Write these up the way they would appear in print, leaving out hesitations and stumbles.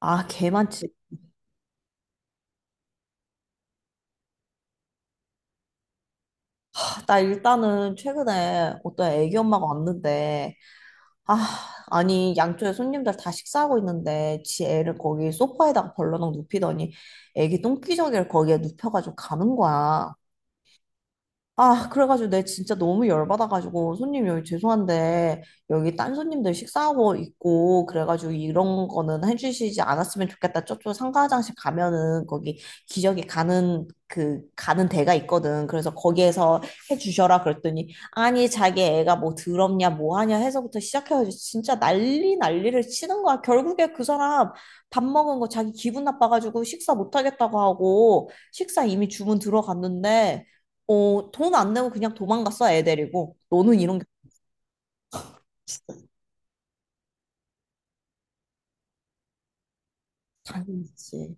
아, 개 많지. 아, 나 일단은 최근에 어떤 애기 엄마가 왔는데, 아, 아니, 양쪽에 손님들 다 식사하고 있는데, 지 애를 거기 소파에다가 벌러덩 눕히더니, 애기 똥기저귀를 거기에 눕혀가지고 가는 거야. 아, 그래가지고 내 진짜 너무 열받아가지고 손님 여기 죄송한데 여기 딴 손님들 식사하고 있고 그래가지고 이런 거는 해주시지 않았으면 좋겠다. 저쪽 상가 화장실 가면은 거기 기저귀 가는 가는 데가 있거든. 그래서 거기에서 해주셔라 그랬더니 아니 자기 애가 뭐 더럽냐 뭐 하냐 해서부터 시작해가지고 진짜 난리를 치는 거야. 결국에 그 사람 밥 먹은 거 자기 기분 나빠가지고 식사 못 하겠다고 하고 식사 이미 주문 들어갔는데 돈 안 내고 그냥 도망갔어, 애 데리고. 너는 이런 게 진짜 당연하지.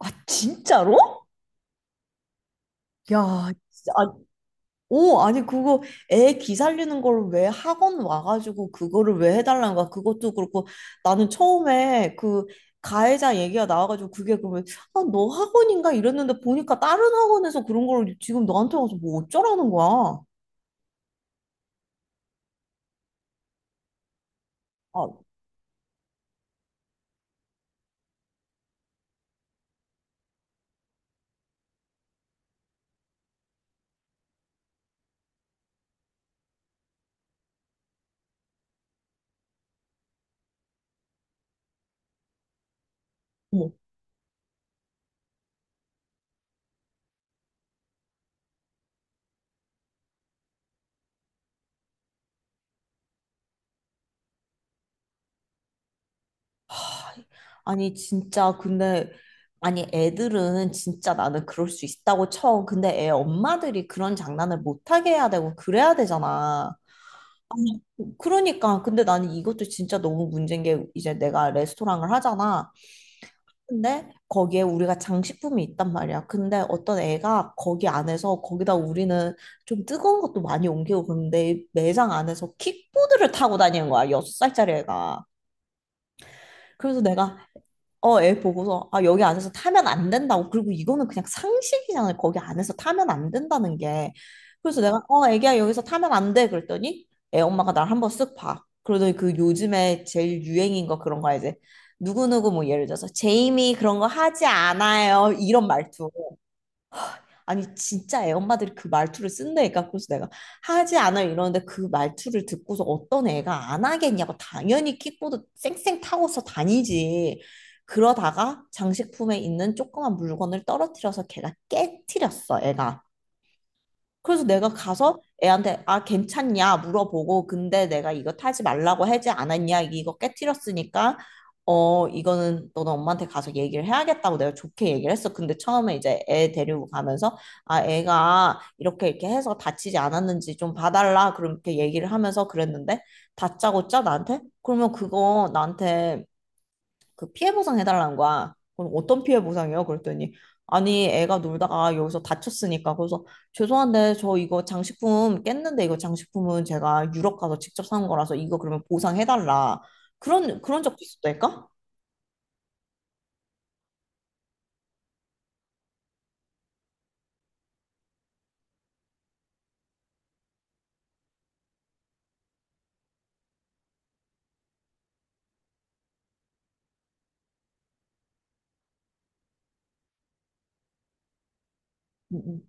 아, 진짜로? 야, 진짜. 아, 오, 아니, 그거 애 기 살리는 걸 왜 학원 와가지고 그거를 왜 해달라는 거야? 그것도 그렇고 나는 처음에 그 가해자 얘기가 나와가지고 그게 그러면 아, 너 학원인가? 이랬는데 보니까 다른 학원에서 그런 걸 지금 너한테 와서 뭐 어쩌라는 거야? 아, 어머, 아니 진짜 근데 아니 애들은 진짜 나는 그럴 수 있다고 쳐. 근데 애 엄마들이 그런 장난을 못하게 해야 되고 그래야 되잖아. 아니, 그러니까 근데 나는 이것도 진짜 너무 문제인 게 이제 내가 레스토랑을 하잖아. 근데 거기에 우리가 장식품이 있단 말이야. 근데 어떤 애가 거기 안에서 거기다 우리는 좀 뜨거운 것도 많이 옮기고 그런데 매장 안에서 킥보드를 타고 다니는 거야. 여섯 살짜리 애가. 그래서 내가 애 보고서, 아, 여기 안에서 타면 안 된다고. 그리고 이거는 그냥 상식이잖아요. 거기 안에서 타면 안 된다는 게. 그래서 내가, 애기야, 여기서 타면 안 돼. 그랬더니, 애 엄마가 날 한번 쓱 봐. 그러더니 그 요즘에 제일 유행인 거 그런 거 알지? 누구누구 뭐 예를 들어서, 제이미 그런 거 하지 않아요. 이런 말투. 아니 진짜 애 엄마들이 그 말투를 쓴다니까 그래서 내가 하지 않아 이러는데 그 말투를 듣고서 어떤 애가 안 하겠냐고 당연히 킥보드 쌩쌩 타고서 다니지 그러다가 장식품에 있는 조그만 물건을 떨어뜨려서 걔가 깨트렸어 애가 그래서 내가 가서 애한테 아 괜찮냐 물어보고 근데 내가 이거 타지 말라고 해지 않았냐 이거 깨트렸으니까 어 이거는 너는 엄마한테 가서 얘기를 해야겠다고 내가 좋게 얘기를 했어. 근데 처음에 이제 애 데리고 가면서 아 애가 이렇게 해서 다치지 않았는지 좀 봐달라 그렇게 얘기를 하면서 그랬는데 다짜고짜 나한테 그러면 그거 나한테 그 피해 보상 해달라는 거야. 그럼 어떤 피해 보상이요? 그랬더니 아니 애가 놀다가 여기서 다쳤으니까 그래서 죄송한데 저 이거 장식품 깼는데 이거 장식품은 제가 유럽 가서 직접 산 거라서 이거 그러면 보상해달라. 그런 적 있었다니까? 음, 음.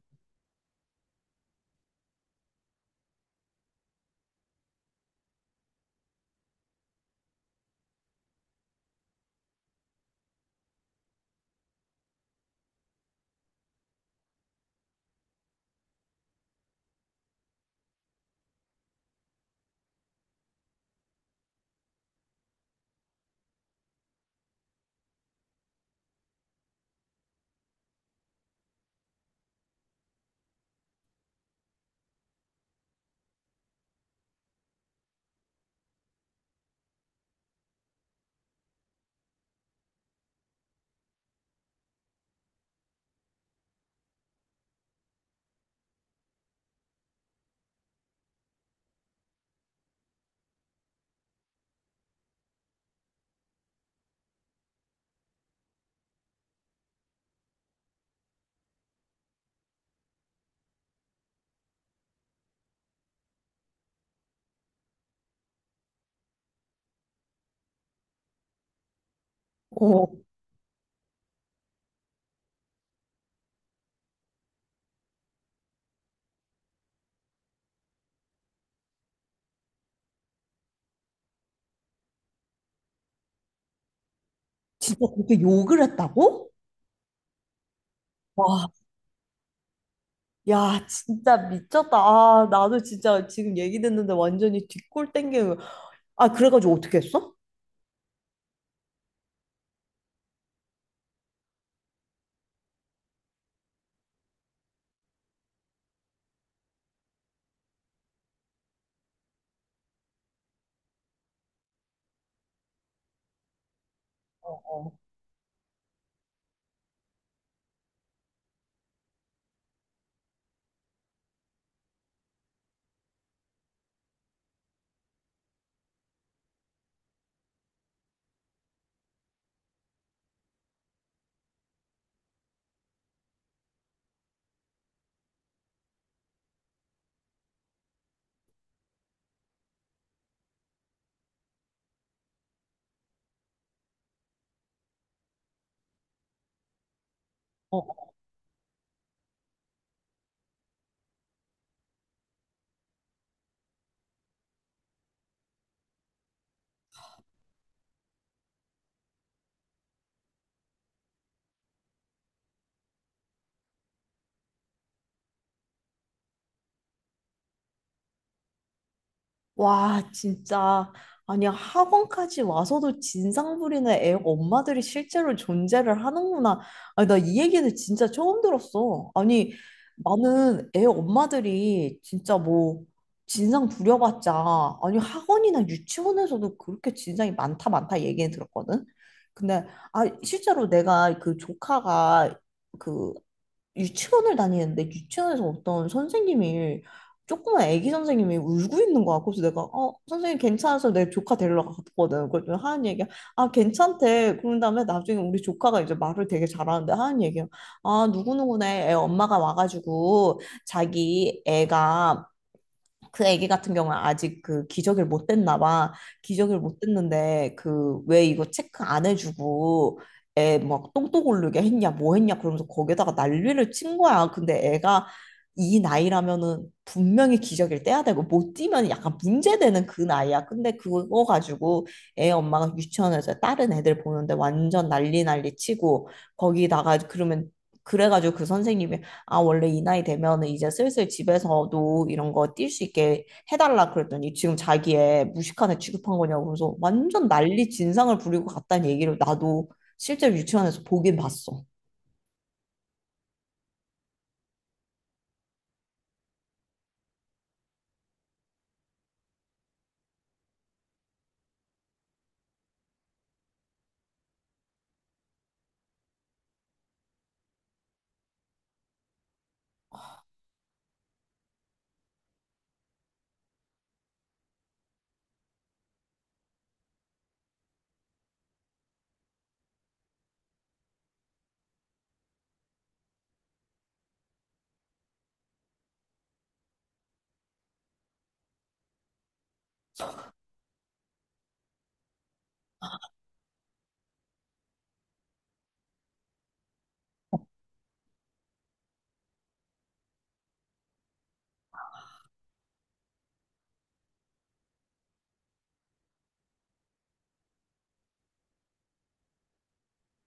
어 진짜 그렇게 욕을 했다고? 와, 야, 진짜 미쳤다. 아, 나도 진짜 지금 얘기 듣는데 완전히 뒷골 땡기는 거야. 아, 그래가지고 어떻게 했어? 어. 어, 와, 진짜. 아니, 학원까지 와서도 진상 부리는 애 엄마들이 실제로 존재를 하는구나. 아니, 나 이 얘기는 진짜 처음 들었어. 아니, 나는 애 엄마들이 진짜 뭐, 진상 부려봤자, 아니, 학원이나 유치원에서도 그렇게 진상이 많다, 많다 얘기는 들었거든? 근데, 아, 실제로 내가 그 조카가 그 유치원을 다니는데, 유치원에서 어떤 선생님이 조그만 애기 선생님이 울고 있는 거야. 그래서 내가 어 선생님 괜찮아서 내 조카 데리러 갔거든. 그랬더니 하은 얘기야. 아 괜찮대. 그런 다음에 나중에 우리 조카가 이제 말을 되게 잘하는데 하은 얘기야. 아 누구누구네 애 엄마가 와가지고 자기 애가 그 애기 같은 경우는 아직 그 기저귀를 못 뗐나 봐. 기저귀를 못 뗐는데 그 왜 이거 체크 안 해주고 애 막 똥똥 오르게 했냐 뭐 했냐 그러면서 거기다가 난리를 친 거야. 근데 애가 이 나이라면은 분명히 기저귀를 떼야 되고 못 떼면 약간 문제되는 그 나이야. 근데 그거 가지고 애 엄마가 유치원에서 다른 애들 보는데 완전 난리 치고 거기다가 그러면 그래가지고 그 선생님이 아, 원래 이 나이 되면은 이제 슬슬 집에서도 이런 거 뛸 수 있게 해달라 그랬더니 지금 자기의 무식한 애 취급한 거냐고 그래서 완전 난리 진상을 부리고 갔다는 얘기를 나도 실제로 유치원에서 보긴 봤어.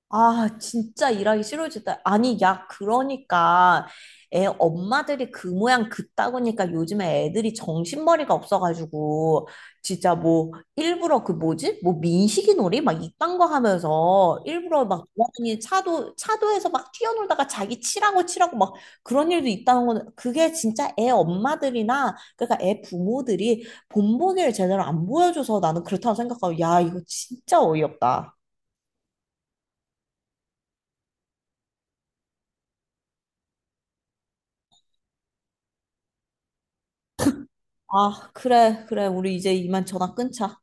아, 진짜 일하기 싫어지다. 아니, 야, 그러니까 애 엄마들이 그 모양 그따구니까 요즘에 애들이 정신머리가 없어가지고 진짜 뭐 일부러 그 뭐지? 뭐 민식이 놀이 막 이딴 거 하면서 일부러 막 돌아다니 차도에서 막 뛰어놀다가 자기 치라고 막 그런 일도 있다는 거는 그게 진짜 애 엄마들이나 그러니까 애 부모들이 본보기를 제대로 안 보여줘서 나는 그렇다고 생각하고 야, 이거 진짜 어이없다. 아, 그래, 그래. 우리 이제 이만 전화 끊자.